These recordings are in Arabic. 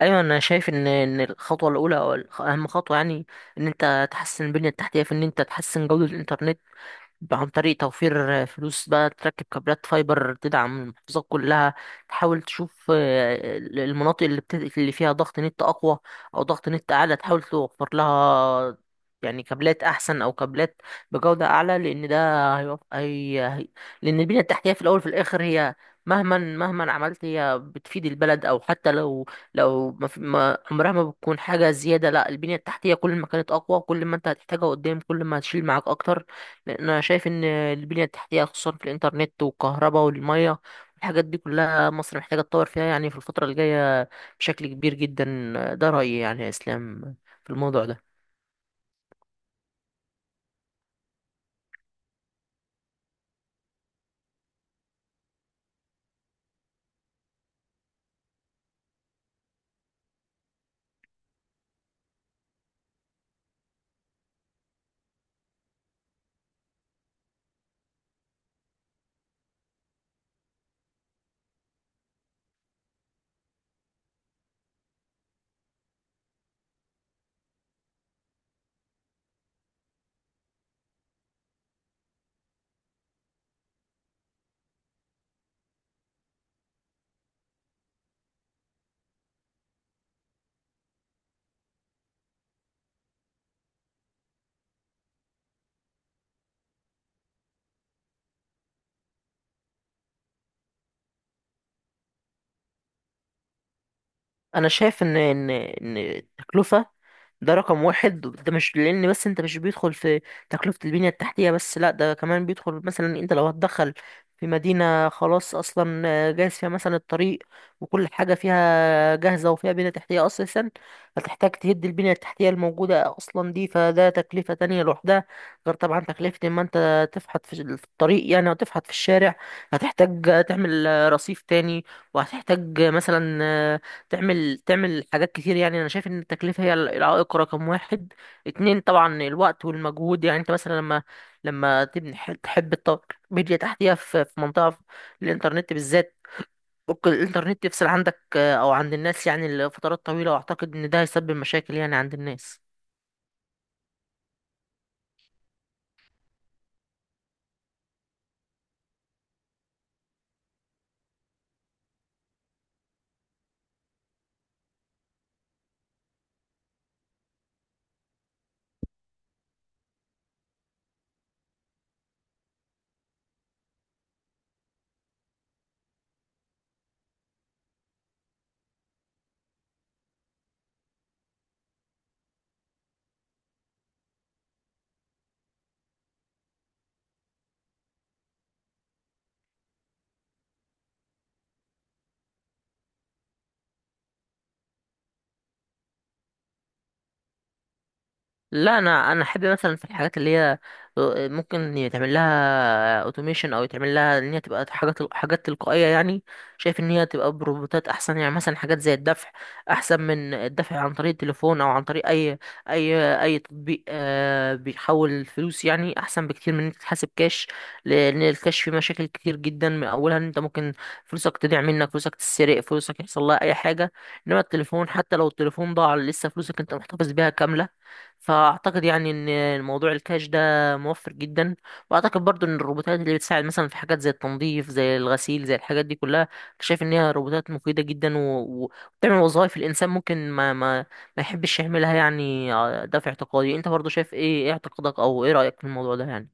ايوه، انا شايف ان الخطوه الاولى او اهم خطوه، يعني ان انت تحسن البنيه التحتيه، في ان انت تحسن جوده الانترنت عن طريق توفير فلوس، بقى تركب كابلات فايبر تدعم المحافظات كلها. تحاول تشوف المناطق اللي فيها ضغط نت أقوى أو ضغط نت أعلى، تحاول توفر لها يعني كابلات أحسن أو كابلات بجودة أعلى، لأن ده هيوف... هي... هي... لأن البنية التحتية في الأول في الآخر هي مهما مهما عملت هي بتفيد البلد، أو حتى لو ما عمرها ما بتكون حاجة زيادة. لا، البنية التحتية كل ما كانت أقوى، كل ما أنت هتحتاجها قدام، كل ما هتشيل معاك أكتر، لان انا شايف ان البنيه التحتيه خصوصا في الانترنت والكهرباء والميه والحاجات دي كلها، مصر محتاجه تطور فيها يعني في الفتره الجايه بشكل كبير جدا. ده رايي يعني يا اسلام في الموضوع ده. انا شايف ان ان التكلفه، ده رقم واحد، ده مش لان بس انت مش بيدخل في تكلفة البنية التحتية بس، لا، ده كمان بيدخل. مثلا انت لو هتدخل في مدينة خلاص اصلا جاهز فيها مثلا الطريق وكل حاجة فيها جاهزة وفيها بنية تحتية اساسا، هتحتاج تهد البنية التحتية الموجودة اصلا دي، فده تكلفة تانية لوحدها. غير طبعا تكلفة اما انت تفحط في الطريق يعني او تفحط في الشارع، هتحتاج تعمل رصيف تاني، وهتحتاج مثلا تعمل حاجات كتير. يعني انا شايف ان التكلفه هي العائق رقم واحد. اتنين طبعا الوقت والمجهود، يعني انت مثلا لما تبني، تحب تطور ميديا تحتيها في منطقه في الانترنت بالذات، ممكن الانترنت يفصل عندك او عند الناس يعني لفترات طويله، واعتقد ان ده هيسبب مشاكل يعني عند الناس. لا، انا احب مثلا في الحاجات اللي هي ممكن يتعمل لها اوتوميشن، او يتعمل لها ان هي تبقى حاجات حاجات تلقائيه يعني. شايف ان هي تبقى بروبوتات احسن، يعني مثلا حاجات زي الدفع احسن من الدفع عن طريق التليفون، او عن طريق اي تطبيق بيحول الفلوس، يعني احسن بكتير من انك تحاسب كاش، لان الكاش فيه مشاكل كتير جدا. من اولها ان انت ممكن فلوسك تضيع منك، فلوسك تتسرق، فلوسك يحصل لها اي حاجه. انما التليفون حتى لو التليفون ضاع لسه فلوسك انت محتفظ بيها كامله. فاعتقد يعني ان الموضوع الكاش ده موفر جدا. واعتقد برضو ان الروبوتات اللي بتساعد مثلا في حاجات زي التنظيف، زي الغسيل، زي الحاجات دي كلها، شايف ان هي روبوتات مفيدة جدا وبتعمل وظائف الانسان ممكن ما يحبش يعملها يعني. ده في اعتقادي. انت برضو شايف ايه اعتقادك او ايه رأيك في الموضوع ده يعني؟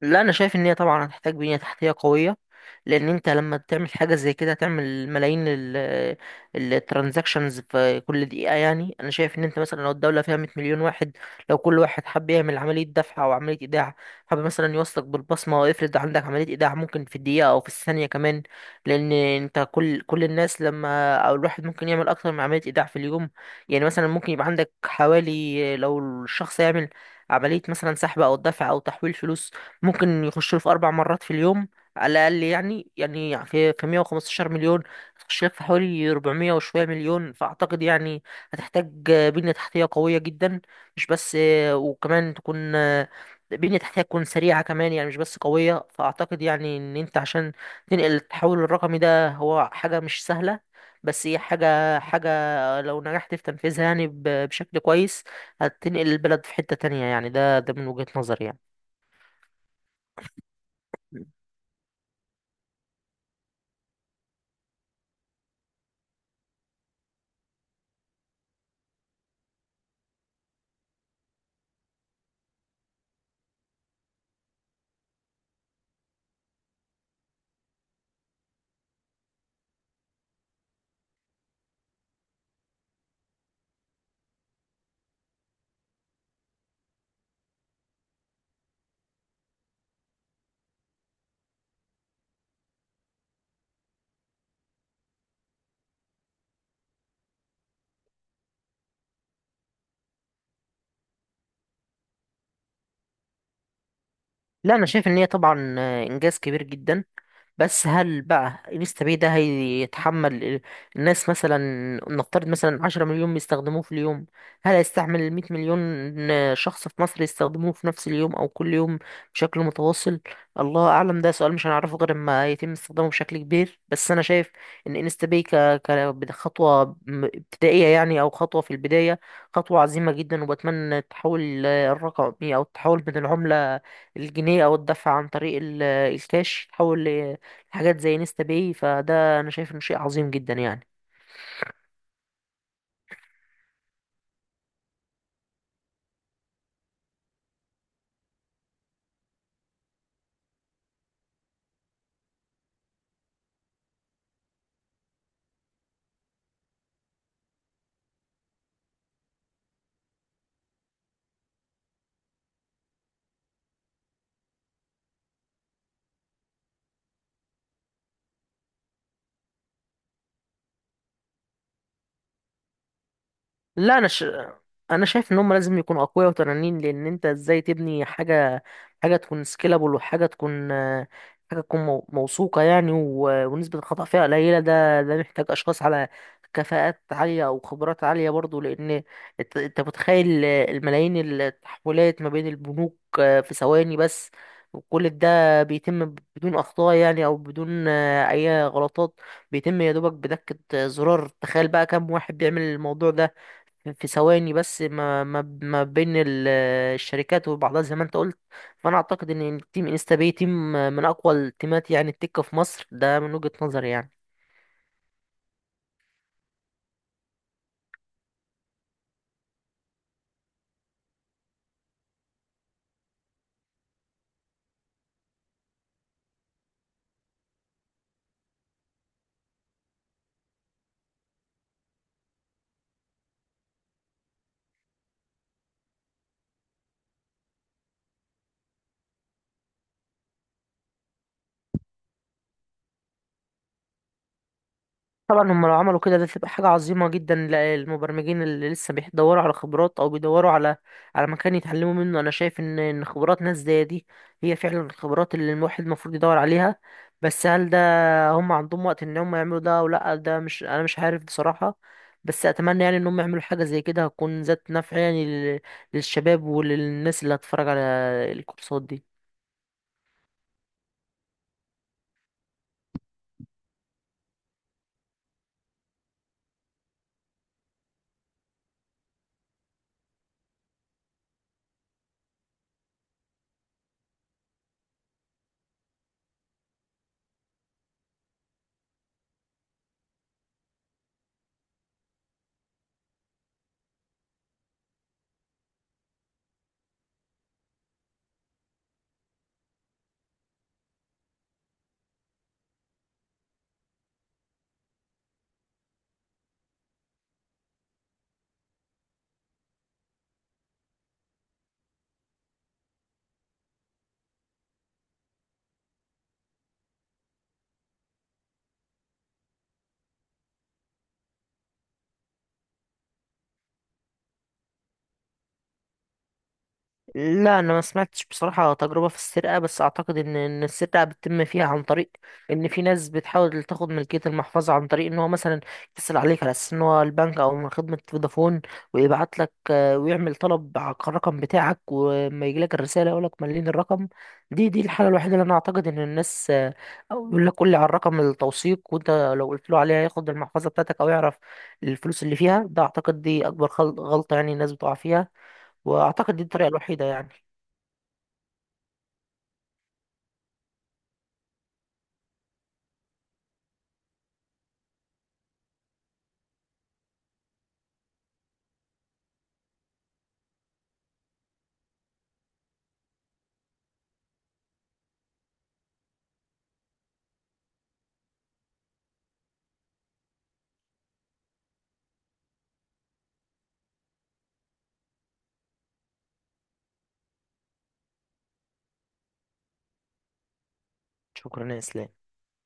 لا، انا شايف ان هي طبعا هتحتاج بنية تحتية قوية، لان انت لما تعمل حاجة زي كده تعمل ملايين الترانزاكشنز في كل دقيقة. يعني انا شايف ان انت مثلا لو الدولة فيها 100 مليون واحد، لو كل واحد حب يعمل عملية دفع او عملية ايداع، حب مثلا يوصلك بالبصمة، وافرض عندك عملية ايداع ممكن في الدقيقة او في الثانية كمان، لان انت كل الناس، لما او الواحد ممكن يعمل اكتر من عملية ايداع في اليوم، يعني مثلا ممكن يبقى عندك حوالي، لو الشخص يعمل عملية مثلا سحب أو دفع أو تحويل فلوس، ممكن يخش له في 4 مرات في اليوم على الاقل. يعني في 115 مليون تخش لك في حوالي 400 وشويه مليون. فاعتقد يعني هتحتاج بنيه تحتيه قويه جدا، مش بس وكمان تكون بنيه تحتيه تكون سريعه كمان، يعني مش بس قويه. فاعتقد يعني ان انت عشان تنقل التحول الرقمي ده، هو حاجه مش سهله، بس هي حاجه حاجه لو نجحت في تنفيذها يعني بشكل كويس، هتنقل البلد في حته تانية. يعني ده من وجهه نظري يعني. لا، انا شايف ان هي طبعا انجاز كبير جدا. بس هل بقى انستا باي ده هيتحمل الناس مثلا، نفترض مثلا 10 مليون بيستخدموه في اليوم، هل هيستحمل المية مليون شخص في مصر يستخدموه في نفس اليوم او كل يوم بشكل متواصل؟ الله اعلم، ده سؤال مش هنعرفه غير اما يتم استخدامه بشكل كبير. بس انا شايف ان انستا باي خطوة ابتدائية، يعني او خطوة في البداية، خطوة عظيمة جدا. وبتمنى التحول الرقمي، او التحول من العملة الجنيه، او الدفع عن طريق الكاش، تحول حاجات زي نيستا باي. فده انا شايف انه شيء عظيم جدا يعني. لا، انا شايف ان هم لازم يكونوا اقوياء وتنانين، لان انت ازاي تبني حاجه حاجه تكون سكيلابل، وحاجه تكون حاجه تكون موثوقه يعني، ونسبه الخطا فيها قليله. ده محتاج اشخاص على كفاءات عاليه او خبرات عاليه برضو. لان انت متخيل الملايين التحولات ما بين البنوك في ثواني بس، وكل ده بيتم بدون اخطاء يعني او بدون اي غلطات، بيتم يا دوبك بدكه زرار. تخيل بقى كم واحد بيعمل الموضوع ده في ثواني بس، ما بين الشركات وبعضها زي ما انت قلت. فانا اعتقد ان تيم انستا باي تيم من اقوى التيمات يعني التكه في مصر، ده من وجهة نظري يعني. طبعا هم لو عملوا كده، ده تبقى حاجة عظيمة جدا للمبرمجين اللي لسه بيدوروا على خبرات، او بيدوروا على مكان يتعلموا منه. انا شايف ان خبرات ناس زي دي هي فعلا الخبرات اللي الواحد المفروض يدور عليها. بس هل ده هم عندهم وقت ان هم يعملوا ده او لا، ده مش انا مش عارف بصراحة. بس اتمنى يعني ان هم يعملوا حاجة زي كده، هتكون ذات نفع يعني للشباب وللناس اللي هتتفرج على الكورسات دي. لا، انا ما سمعتش بصراحه تجربه في السرقه، بس اعتقد ان السرقه بتتم فيها عن طريق ان في ناس بتحاول تاخد ملكيه المحفظه عن طريق ان هو مثلا يتصل عليك على اساس ان هو البنك او من خدمه فودافون، ويبعت لك ويعمل طلب على الرقم بتاعك، وما يجي لك الرساله يقول لك مليين الرقم. دي الحاله الوحيده اللي انا اعتقد ان الناس، او يقول لك قول لي على الرقم التوثيق، وانت لو قلت له عليها ياخد المحفظه بتاعتك او يعرف الفلوس اللي فيها. ده اعتقد دي اكبر غلطه يعني الناس بتقع فيها، واعتقد دي الطريقه الوحيده يعني. شكرا يا اسلام.